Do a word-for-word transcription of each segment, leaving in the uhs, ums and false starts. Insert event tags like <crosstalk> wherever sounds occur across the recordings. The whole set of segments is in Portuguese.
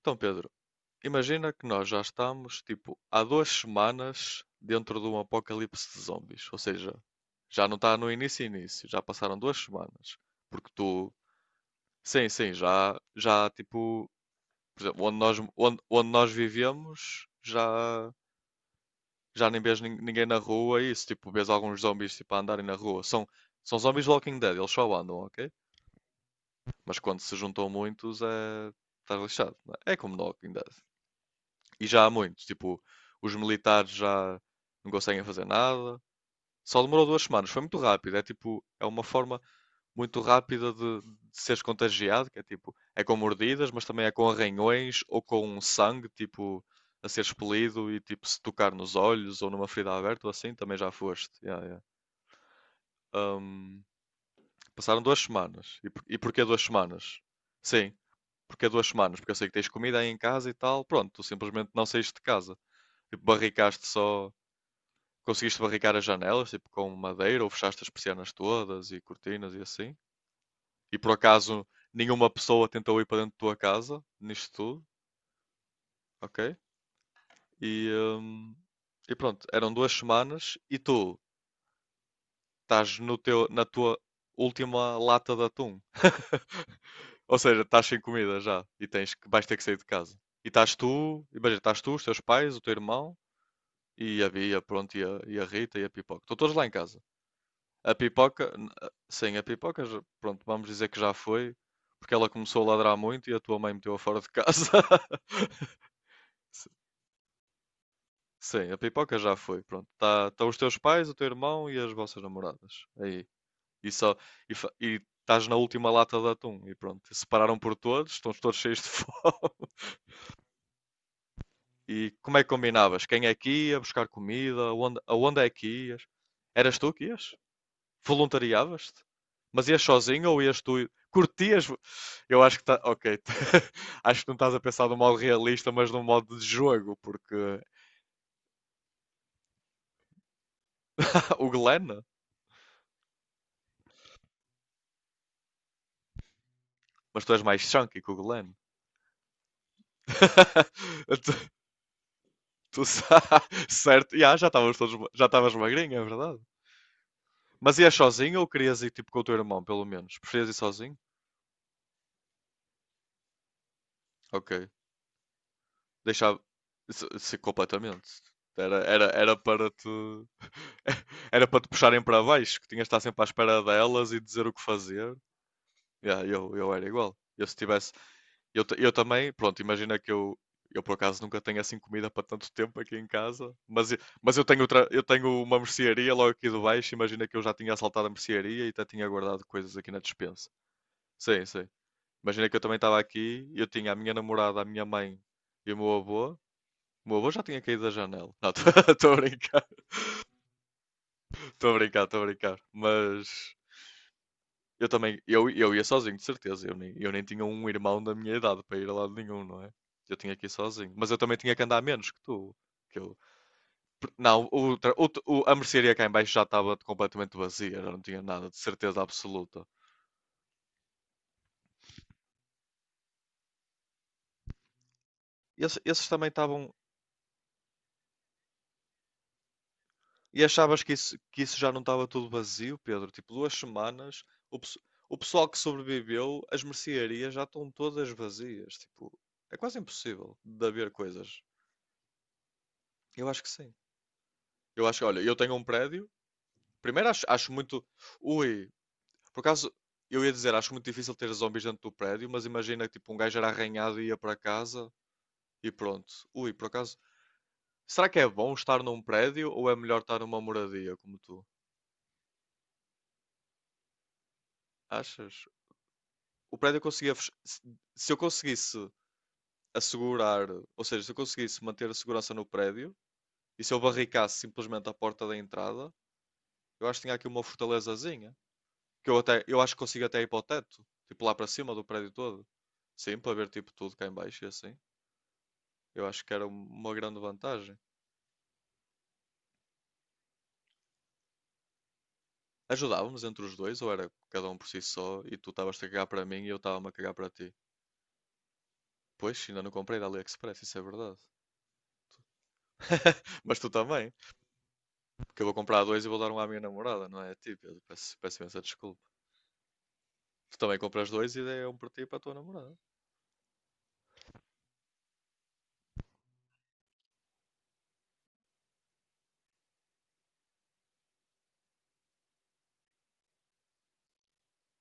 Então, Pedro, imagina que nós já estamos, tipo, há duas semanas dentro de um apocalipse de zombies. Ou seja, já não está no início início, já passaram duas semanas. Porque tu, sim, sim, já, já, tipo, por exemplo, onde nós, onde, onde nós vivemos, já, já nem vês nin- ninguém na rua e isso, tipo, vês alguns zombies, tipo, a andarem na rua. São, são zombies Walking Dead, eles só andam, ok? Mas quando se juntam muitos, é... Estás lixado, não é? É como no Walking Dead. E já há muito. Tipo, os militares já não conseguem fazer nada. Só demorou duas semanas. Foi muito rápido. É tipo, é uma forma muito rápida de, de seres contagiado, que é tipo, é com mordidas, mas também é com arranhões ou com um sangue, tipo, a ser expelido e tipo, se tocar nos olhos ou numa ferida aberta ou assim, também já foste. Yeah, yeah. Um, Passaram duas semanas. E, por, e porquê duas semanas? Sim, porquê duas semanas? Porque eu sei que tens comida aí em casa e tal. Pronto, tu simplesmente não saíste de casa. Tipo, barricaste só. Conseguiste barricar as janelas, tipo, com madeira, ou fechaste as persianas todas e cortinas e assim? E por acaso nenhuma pessoa tentou ir para dentro da tua casa, nisto tudo, ok? E, hum, e pronto, eram duas semanas e tu estás no teu, na tua última lata de atum. <laughs> Ou seja, estás sem comida já e tens que, vais ter que sair de casa. E estás tu, imagina, estás tu, os teus pais, o teu irmão e a Bia, pronto, e a, e a Rita e a Pipoca. Estão todos lá em casa. A pipoca, n- a- sim, a pipoca, já- pronto, vamos dizer que já foi, porque ela começou a ladrar muito e a tua mãe meteu-a fora de casa. <laughs> S- Sim, a pipoca já foi, pronto. Tá, tá os teus pais, o teu irmão e as vossas namoradas. Aí. E só, e, fa- e estás na última lata de atum e pronto. Separaram por todos, estão todos cheios de <laughs> fome. E como é que combinavas? Quem é que ia buscar comida? Aonde, aonde é que ias? Eras tu que ias? Voluntariavas-te? Mas ias sozinho ou ias tu? Curtias? Eu acho que tá. Ok. <laughs> Acho que não estás a pensar de um modo realista, mas num modo de jogo, porque. <laughs> O Glenn? Mas tu és mais chunky que o Glenn. <laughs> tu, tu sa- <laughs> Certo. Ya, já estavas todos. Já estavas magrinho, é verdade. Mas ias sozinho ou querias ir tipo com o teu irmão, pelo menos? Preferias ir sozinho? Ok. Deixava. Se- se completamente. Era, era, era para te. <laughs> Era para te puxarem para baixo, que tinhas de estar sempre à espera delas e dizer o que fazer. Yeah, eu, eu era igual. Eu se tivesse. Eu, ta- eu também, pronto, imagina que eu. Eu por acaso nunca tenho assim comida para tanto tempo aqui em casa, mas, eu- mas eu tenho outra, eu tenho uma mercearia logo aqui de baixo. Imagina que eu já tinha assaltado a mercearia e até tinha guardado coisas aqui na despensa. Sim, sim. Imagina que eu também estava aqui, eu tinha a minha namorada, a minha mãe e o meu avô, o meu avô já tinha caído da janela. Não, estou <laughs> a brincar, estou a brincar, estou a brincar. Mas eu também, eu, eu ia sozinho, de certeza. Eu nem, eu nem tinha um irmão da minha idade para ir a lado nenhum, não é? Eu tinha que ir sozinho. Mas eu também tinha que andar menos que tu. Que eu... Não, o, tra- o, o- a mercearia cá em baixo já estava completamente vazia, já não tinha nada, de certeza absoluta. Esse- esses também estavam. E achavas que isso, que isso já não estava tudo vazio, Pedro? Tipo, duas semanas, o, pesso- o pessoal que sobreviveu, as mercearias já estão todas vazias. Tipo, é quase impossível de haver coisas. Eu acho que sim. Eu acho que, olha, eu tenho um prédio. Primeiro acho, acho muito. Ui, por acaso, eu ia dizer, acho muito difícil ter zombies dentro do prédio, mas imagina que tipo, um gajo era arranhado e ia para casa e pronto. Ui, por acaso. Será que é bom estar num prédio ou é melhor estar numa moradia como tu? Achas? O prédio conseguia. fech- Se se eu conseguisse assegurar, ou seja, se eu conseguisse manter a segurança no prédio e se eu barricasse simplesmente a porta da entrada, eu acho que tinha aqui uma fortalezazinha. Que eu até, eu acho que consigo até ir para o teto, tipo lá para cima do prédio todo. Sim, para ver tipo tudo cá em baixo e assim. Eu acho que era uma grande vantagem. Ajudávamos entre os dois, ou era cada um por si só, e tu estavas-te a cagar para mim e eu estava-me a cagar para ti? Pois, ainda não comprei da AliExpress, isso é verdade. <laughs> Mas tu também. Porque eu vou comprar dois e vou dar um à minha namorada, não é? Tipo, eu peço, peço imensa desculpa. Tu também compras dois e dei um para ti e para a tua namorada.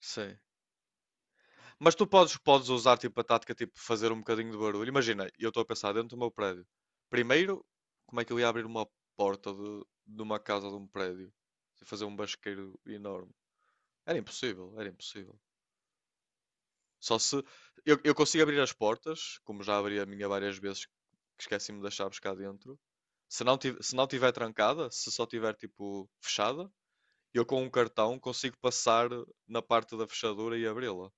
Sim. Mas tu podes, podes usar tipo a tática tipo fazer um bocadinho de barulho. Imagina, eu estou a pensar dentro do meu prédio. Primeiro, como é que eu ia abrir uma porta de, de uma casa de um prédio? Se fazer um basqueiro enorme. Era impossível, era impossível. Só se eu, eu consigo abrir as portas, como já abri a minha várias vezes, que esqueci-me das chaves cá dentro. Se não tiver, se não tiver trancada, se só tiver tipo fechada, eu com um cartão consigo passar na parte da fechadura e abri-la.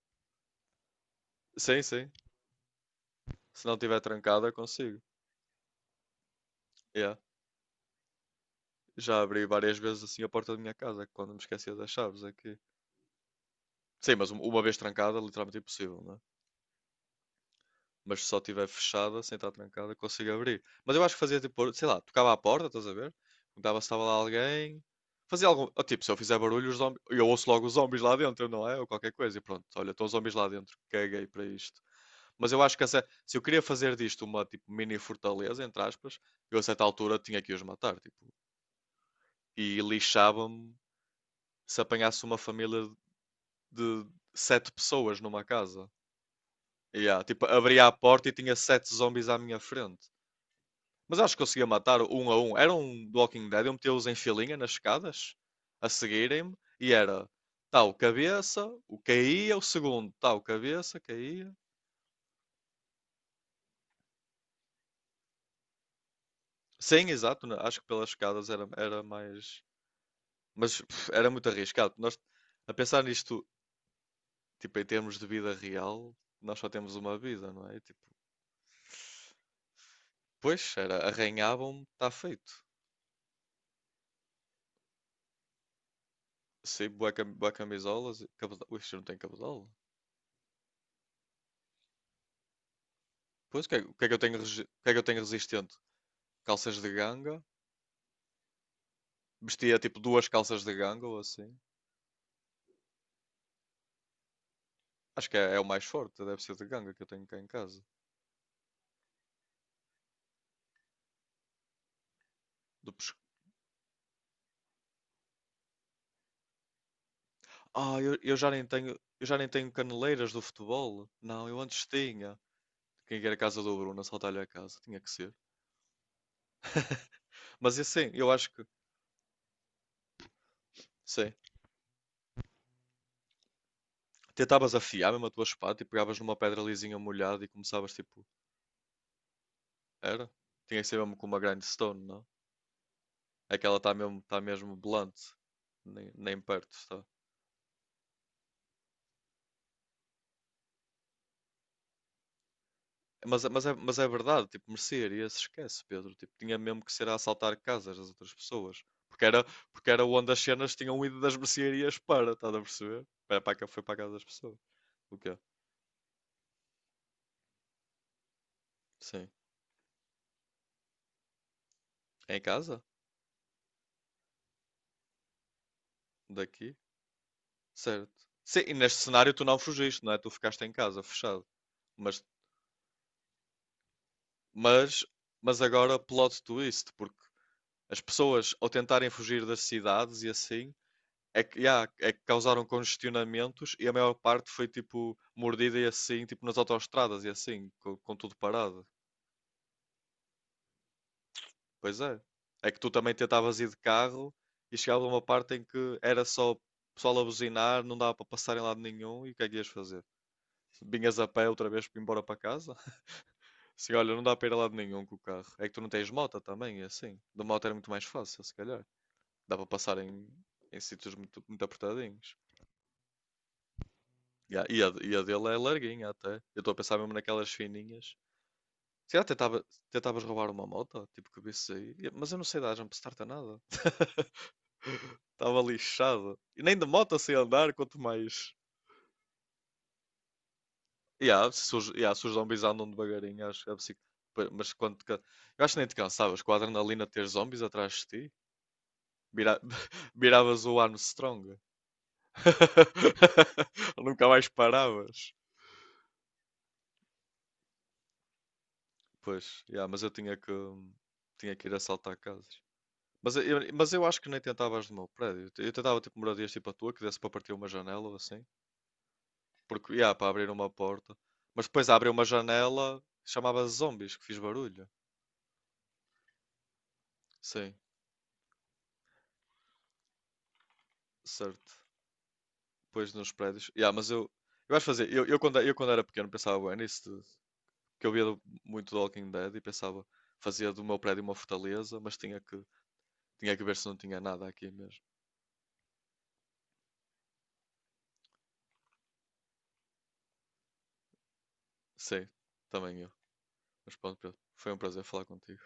Sim, sim. Se não tiver trancada, consigo. Yeah. Já abri várias vezes assim a porta da minha casa, quando me esquecia das chaves aqui. Sim, mas um- uma vez trancada, literalmente impossível, né? Mas se só estiver fechada, sem estar trancada, consigo abrir. Mas eu acho que fazia tipo, sei lá, tocava à porta, estás a ver? Perguntava se estava lá alguém. Fazia algum. Ou, tipo, se eu fizer barulho, os zombi- eu ouço logo os zombies lá dentro, não é? Ou qualquer coisa. E pronto, olha, estão os zombies lá dentro, caguei para isto. Mas eu acho que essa- se eu queria fazer disto uma tipo mini fortaleza, entre aspas, eu a certa altura tinha que os matar, tipo, e lixava-me se apanhasse uma família de sete pessoas numa casa. E ah, tipo, abria a porta e tinha sete zombies à minha frente. Mas acho que conseguia matar um a um. Era um do Walking Dead, eu metia-os em filinha nas escadas, a seguirem-me, e era tal cabeça, o caía, o segundo tal cabeça, caía. Sim, exato, na- acho que pelas escadas era, era mais. Mas pff, era muito arriscado. Nós, a pensar nisto, tipo, em termos de vida real, nós só temos uma vida, não é? Tipo, pois, era, arranhavam-me, está feito. Sei, bué cam- bué camisolas, e cabeça- Ui, isto não tem camisola. Pois, o que é, o que é que eu tenho, resi- o que é que eu tenho resistente? Calças de ganga. Vestia tipo duas calças de ganga ou assim. Acho que é, é o mais forte, deve ser de ganga que eu tenho cá em casa. Do pes- Ah, eu, eu já nem tenho, eu já nem tenho caneleiras do futebol. Não, eu antes tinha. Quem quer a casa do Bruno, assaltar-lhe a casa, tinha que ser. <laughs> Mas e assim, eu acho que, sim, tentavas afiar mesmo a tua espada e pegavas numa pedra lisinha molhada e começavas tipo, era? Tinha que ser mesmo com uma grindstone, não? É que ela está mesmo, tá mesmo blunt, nem, nem perto está. Mas, é- mas, é, mas é verdade, tipo, mercearia se esquece, Pedro. Tipo, tinha mesmo que ser a assaltar casas das outras pessoas. Porque era, porque era onde as cenas tinham ido das mercearias para, estás a perceber? Era para, cá- foi para a casa das pessoas. O quê? Sim. É Em casa? Daqui? Certo. Sim, e neste cenário tu não fugiste, não é? Tu ficaste em casa, fechado. Mas, mas, mas agora plot twist, porque as pessoas ao tentarem fugir das cidades e assim, é que, yeah, é que causaram congestionamentos e a maior parte foi tipo mordida e assim, tipo nas autoestradas e assim, com, com tudo parado. Pois é. É que tu também tentavas ir de carro e chegava uma parte em que era só pessoal a buzinar, não dava para passar em lado nenhum e o que é que ias fazer? Vinhas a pé outra vez para ir embora para casa? <laughs> Assim, olha, não dá para ir a lado nenhum com o carro. É que tu não tens moto também, e assim. De moto era muito mais fácil, se calhar. Dá para passar em, em sítios muito, muito apertadinhos. Ya, E a, e a dele é larguinha até. Eu estou a pensar mesmo naquelas fininhas. Se calhar tentava, tentavas roubar uma moto, tipo que visse aí. E- mas eu não sei dar jump start a nada. Estava lixado. E nem de moto sei andar, quanto mais. Ya, se, os, ya, se os zombies andam devagarinho, acho que a bicic- pa- mas quando. te ca- Eu acho que nem te cansavas com a adrenalina de ter zombies atrás de ti. Vira... <laughs> Viravas o Armstrong. <laughs> Nunca mais paravas. Pois, ya, mas eu tinha que, tinha que ir assaltar casas. Mas eu, mas eu acho que nem tentavas no meu prédio. Eu tentava tipo moradias tipo a tua, que desse para partir uma janela ou assim. Porque, yeah, para abrir uma porta. Mas depois abre uma janela, chamava zombies, que fiz barulho. Sim, certo. Depois nos prédios. Yeah, mas eu, eu acho fazer. Eu, eu, quando, eu quando era pequeno pensava bem nisso, de- que eu via do- muito do Walking Dead e pensava, fazia do meu prédio uma fortaleza, mas tinha que, tinha que ver se não tinha nada aqui mesmo. Sim, também eu. Mas pronto, Pedro, foi um prazer falar contigo.